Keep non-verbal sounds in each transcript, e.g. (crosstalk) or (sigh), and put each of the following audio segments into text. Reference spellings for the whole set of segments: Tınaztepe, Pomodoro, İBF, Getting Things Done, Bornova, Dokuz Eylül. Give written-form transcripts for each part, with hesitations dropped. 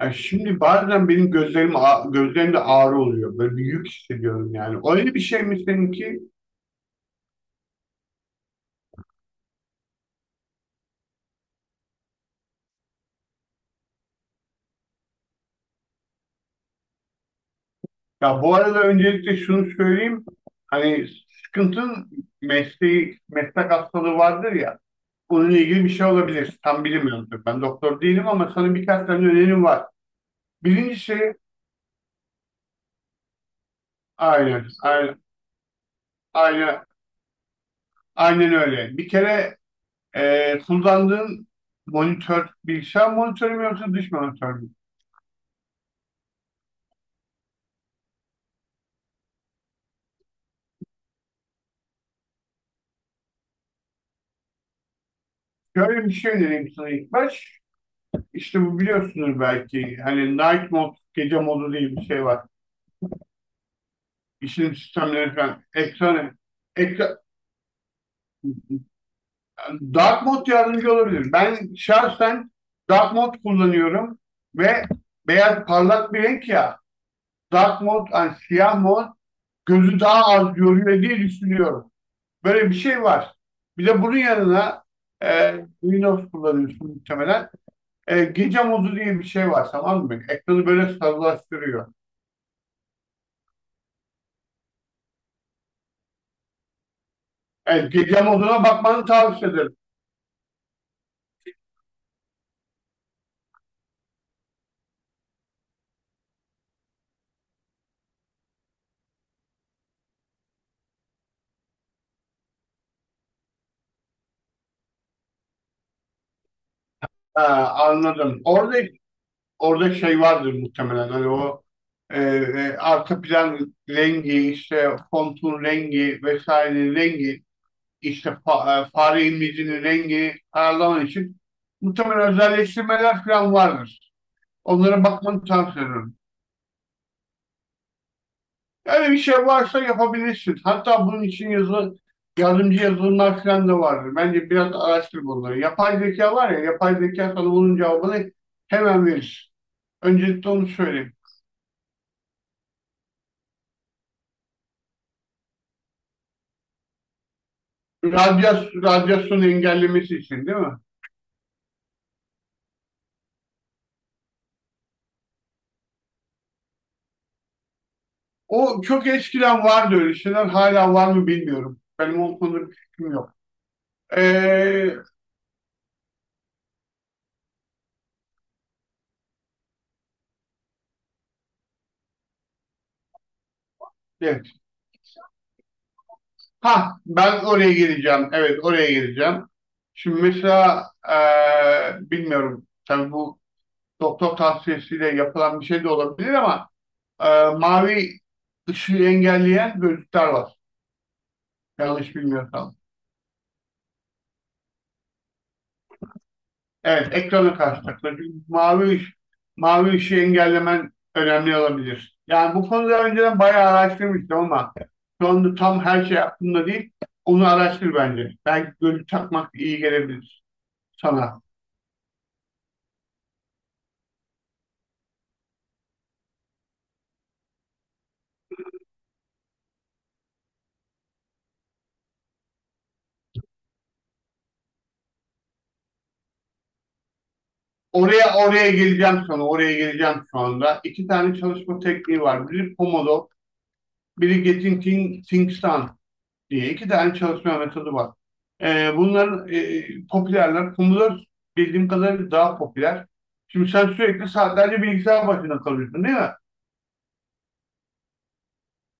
Ya şimdi bazen benim gözlerimde ağrı oluyor. Böyle bir yük hissediyorum yani. Öyle bir şey mi seninki? Ya bu arada öncelikle şunu söyleyeyim. Hani sıkıntın meslek hastalığı vardır ya. Bununla ilgili bir şey olabilir. Tam bilmiyorum tabii. Ben doktor değilim ama sana birkaç tane önerim var. Birincisi, aynen, aynen, aynen, aynen öyle. Bir kere kullandığın monitör, bilgisayar monitörü mü yoksa dış monitör mü? Şöyle bir şey önereyim sana ilk baş. İşte bu biliyorsunuz belki hani night mode, gece modu diye bir şey var. İşletim sistemleri falan. Ekran, dark mode yardımcı olabilir. Ben şahsen dark mode kullanıyorum ve beyaz parlak bir renk ya dark mode, yani siyah mod gözü daha az yoruyor diye düşünüyorum. Böyle bir şey var. Bir de bunun yanına Windows kullanıyorsun muhtemelen. Gece modu diye bir şey var, tamam mı? Ekranı böyle sarılaştırıyor. Evet, gece moduna bakmanı tavsiye ederim. Ha, anladım. Orada şey vardır muhtemelen. Hani o arka plan rengi, işte fontun rengi vesaire rengi, işte fare imlecinin rengi ayarlaman için muhtemelen özelleştirmeler falan vardır. Onlara bakmanı tavsiye ederim. Öyle bir şey varsa yapabilirsin. Hatta bunun için yardımcı yazılımlar falan da vardır. Bence biraz araştır bunları. Yapay zeka var ya, yapay zeka sana bunun cevabını hemen verir. Öncelikle onu söyleyeyim. Radyasyon engellemesi için değil mi? O çok eskiden vardı öyle şeyler. Hala var mı bilmiyorum. Benim o konuda bir fikrim yok. Ee, evet. Ha, ben oraya geleceğim. Evet, oraya geleceğim. Şimdi mesela bilmiyorum. Tabii bu doktor tavsiyesiyle yapılan bir şey de olabilir ama e, mavi ışığı engelleyen gözlükler var. Yanlış bilmiyorsam. Evet, ekrana karşı takılır. Çünkü mavi ışığı engellemen önemli olabilir. Yani bu konuda önceden bayağı araştırmıştım ama şu anda tam her şey aklımda değil. Onu araştır bence. Belki gözlük takmak iyi gelebilir sana. Oraya geleceğim sana. Oraya geleceğim şu anda. İki tane çalışma tekniği var. Biri Pomodoro, biri Getting Things Done diye iki tane çalışma metodu var. Bunların popülerler. Commodore bildiğim kadarıyla daha popüler. Şimdi sen sürekli saatlerce bilgisayar başında kalıyorsun değil mi?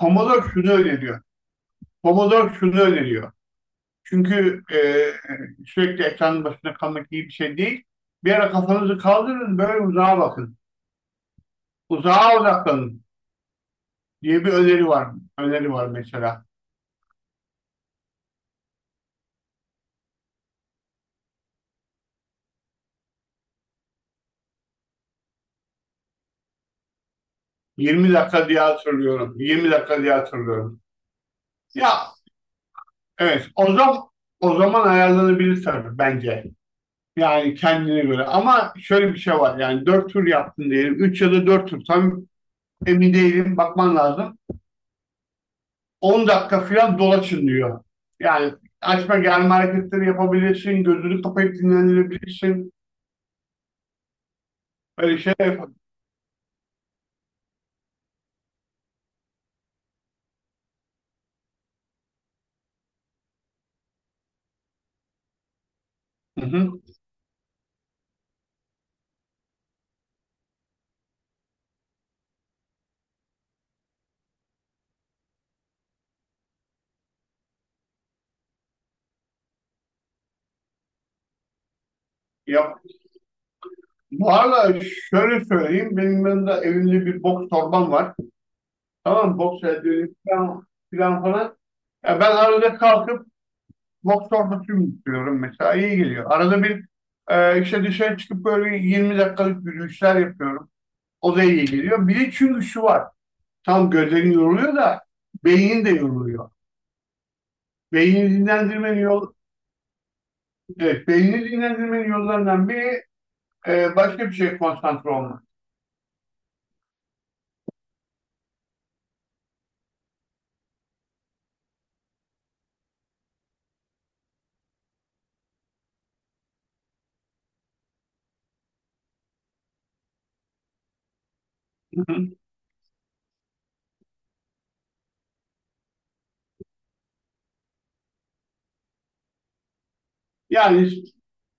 Commodore şunu öneriyor. Commodore şunu öneriyor. Çünkü sürekli ekranın başında kalmak iyi bir şey değil. Bir ara kafanızı kaldırın böyle uzağa bakın. Uzağa odaklanın diye bir öneri var. Öneri var mesela. 20 dakika diye hatırlıyorum. Ya, evet, o zaman ayarlanabilir tabii bence. Yani kendine göre. Ama şöyle bir şey var. Yani 4 tur yaptın diyelim. Üç ya da 4 tur. Tam emin değilim. Bakman lazım. 10 dakika falan dolaşın diyor. Yani açma gelme hareketleri yapabilirsin. Gözünü kapayıp dinlenebilirsin. Böyle şey yap. Hı hı. Yap. Bu arada şöyle söyleyeyim. Benim yanımda evimde bir boks torbam var. Tamam mı? Boks eldiveni falan, falan falan. Ya ben arada kalkıp boks torbasıyım istiyorum mesela. İyi geliyor. Arada bir işte dışarı çıkıp böyle 20 dakikalık yürüyüşler yapıyorum. O da iyi geliyor. Bir de çünkü şu var. Tam gözlerin yoruluyor da beynin de yoruluyor. Beynini dinlendirmenin yol, evet, beynini dinlendirmenin yollarından biri başka bir şeye konsantre olmak. (laughs) Yani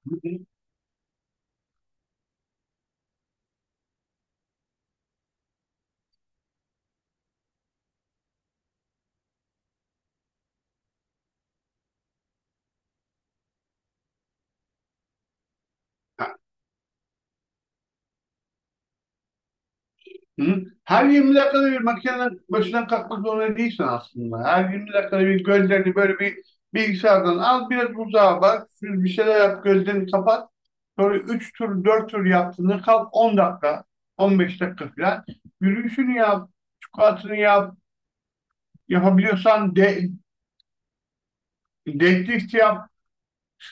(laughs) Hı? Her 20 dakikada bir makinenin başından kalkmak zorunda değilsin aslında. Her 20 dakikada bir gözlerini böyle bir bilgisayardan al, biraz uzağa bak, bir şeyler yap, gözlerini kapat. Sonra 3 tur, 4 tur yaptığında kalk 10 dakika, 15 dakika falan. Yürüyüşünü yap, squat'ını yap, yapabiliyorsan de, deadlift yap,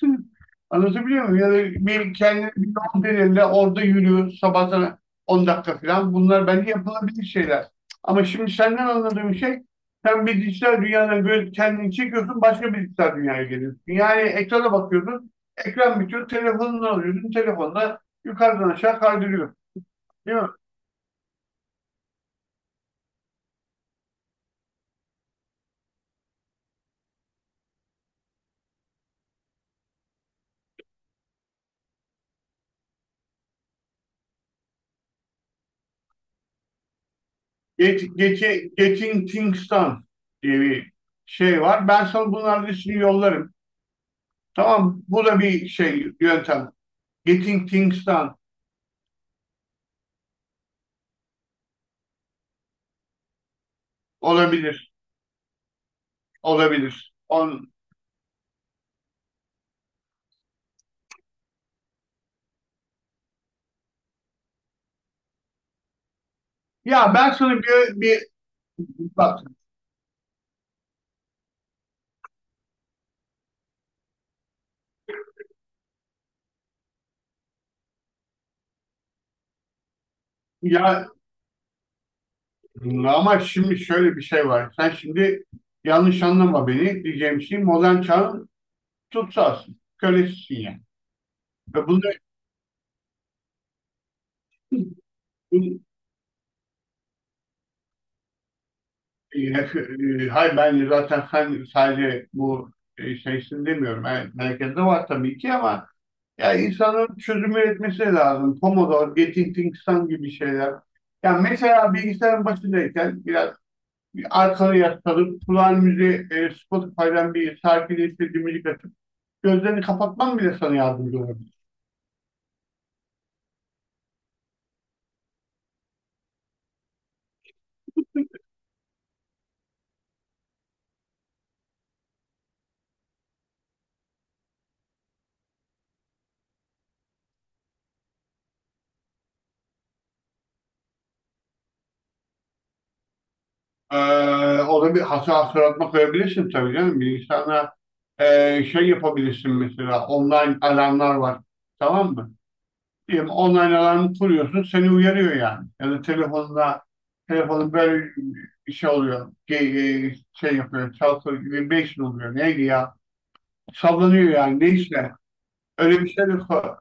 (laughs) Anlatabiliyor muyum? Ya da bir kendini bir donduruyla orada yürü sabah sana 10 dakika falan. Bunlar bence yapılabilir şeyler. Ama şimdi senden anladığım şey sen bir dijital dünyadan böyle kendini çekiyorsun başka bir dijital dünyaya geliyorsun. Yani ekrana bakıyorsun. Ekran bitiyor. Telefonunu alıyorsun. Telefonla yukarıdan aşağı kaydırıyor. Değil mi? Get, get, getting things done diye bir şey var. Ben sana bunların listesini yollarım. Tamam mı? Bu da bir şey yöntem. Getting things done. Olabilir. Olabilir. Ya ben sana bir, bir bak ya ama şimdi şöyle bir şey var. Sen şimdi yanlış anlama beni. Diyeceğim şey modern çağın tutsağısın. Kölesisin yani. Ve bunu bu- e, e, Hayır, ben zaten sen sadece bu şeysin demiyorum. Yani herkeste var tabii ki ama ya insanın çözüm üretmesi lazım. Pomodoro, Getting Things Done gibi şeyler. Yani mesela bilgisayarın başındayken biraz arkana yaslanıp kulağın müziği Spotify'dan bir şarkıyla istediğim müzik açıp gözlerini kapatman bile sana yardımcı olabilir. Ona bir hata hatırlatma koyabilirsin tabii canım. Bilgisayarına e, şey yapabilirsin mesela online alarmlar var. Tamam mı? Diyelim online alarmı kuruyorsun seni uyarıyor yani. Ya da telefonun böyle bir şey oluyor. Şey yapıyor. Çalkıyor. Vibration oluyor. Neydi ya? Sallanıyor yani. Neyse. Öyle bir şey de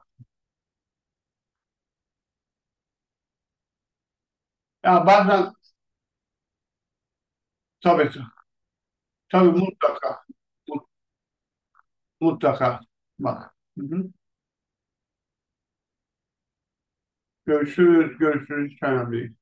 ya bazen. Tabii ki. Tabii, mutlaka. Mut- Mutlaka. Bak. Hı hı. Görüşürüz. Görüşürüz. Hiç önemli değil.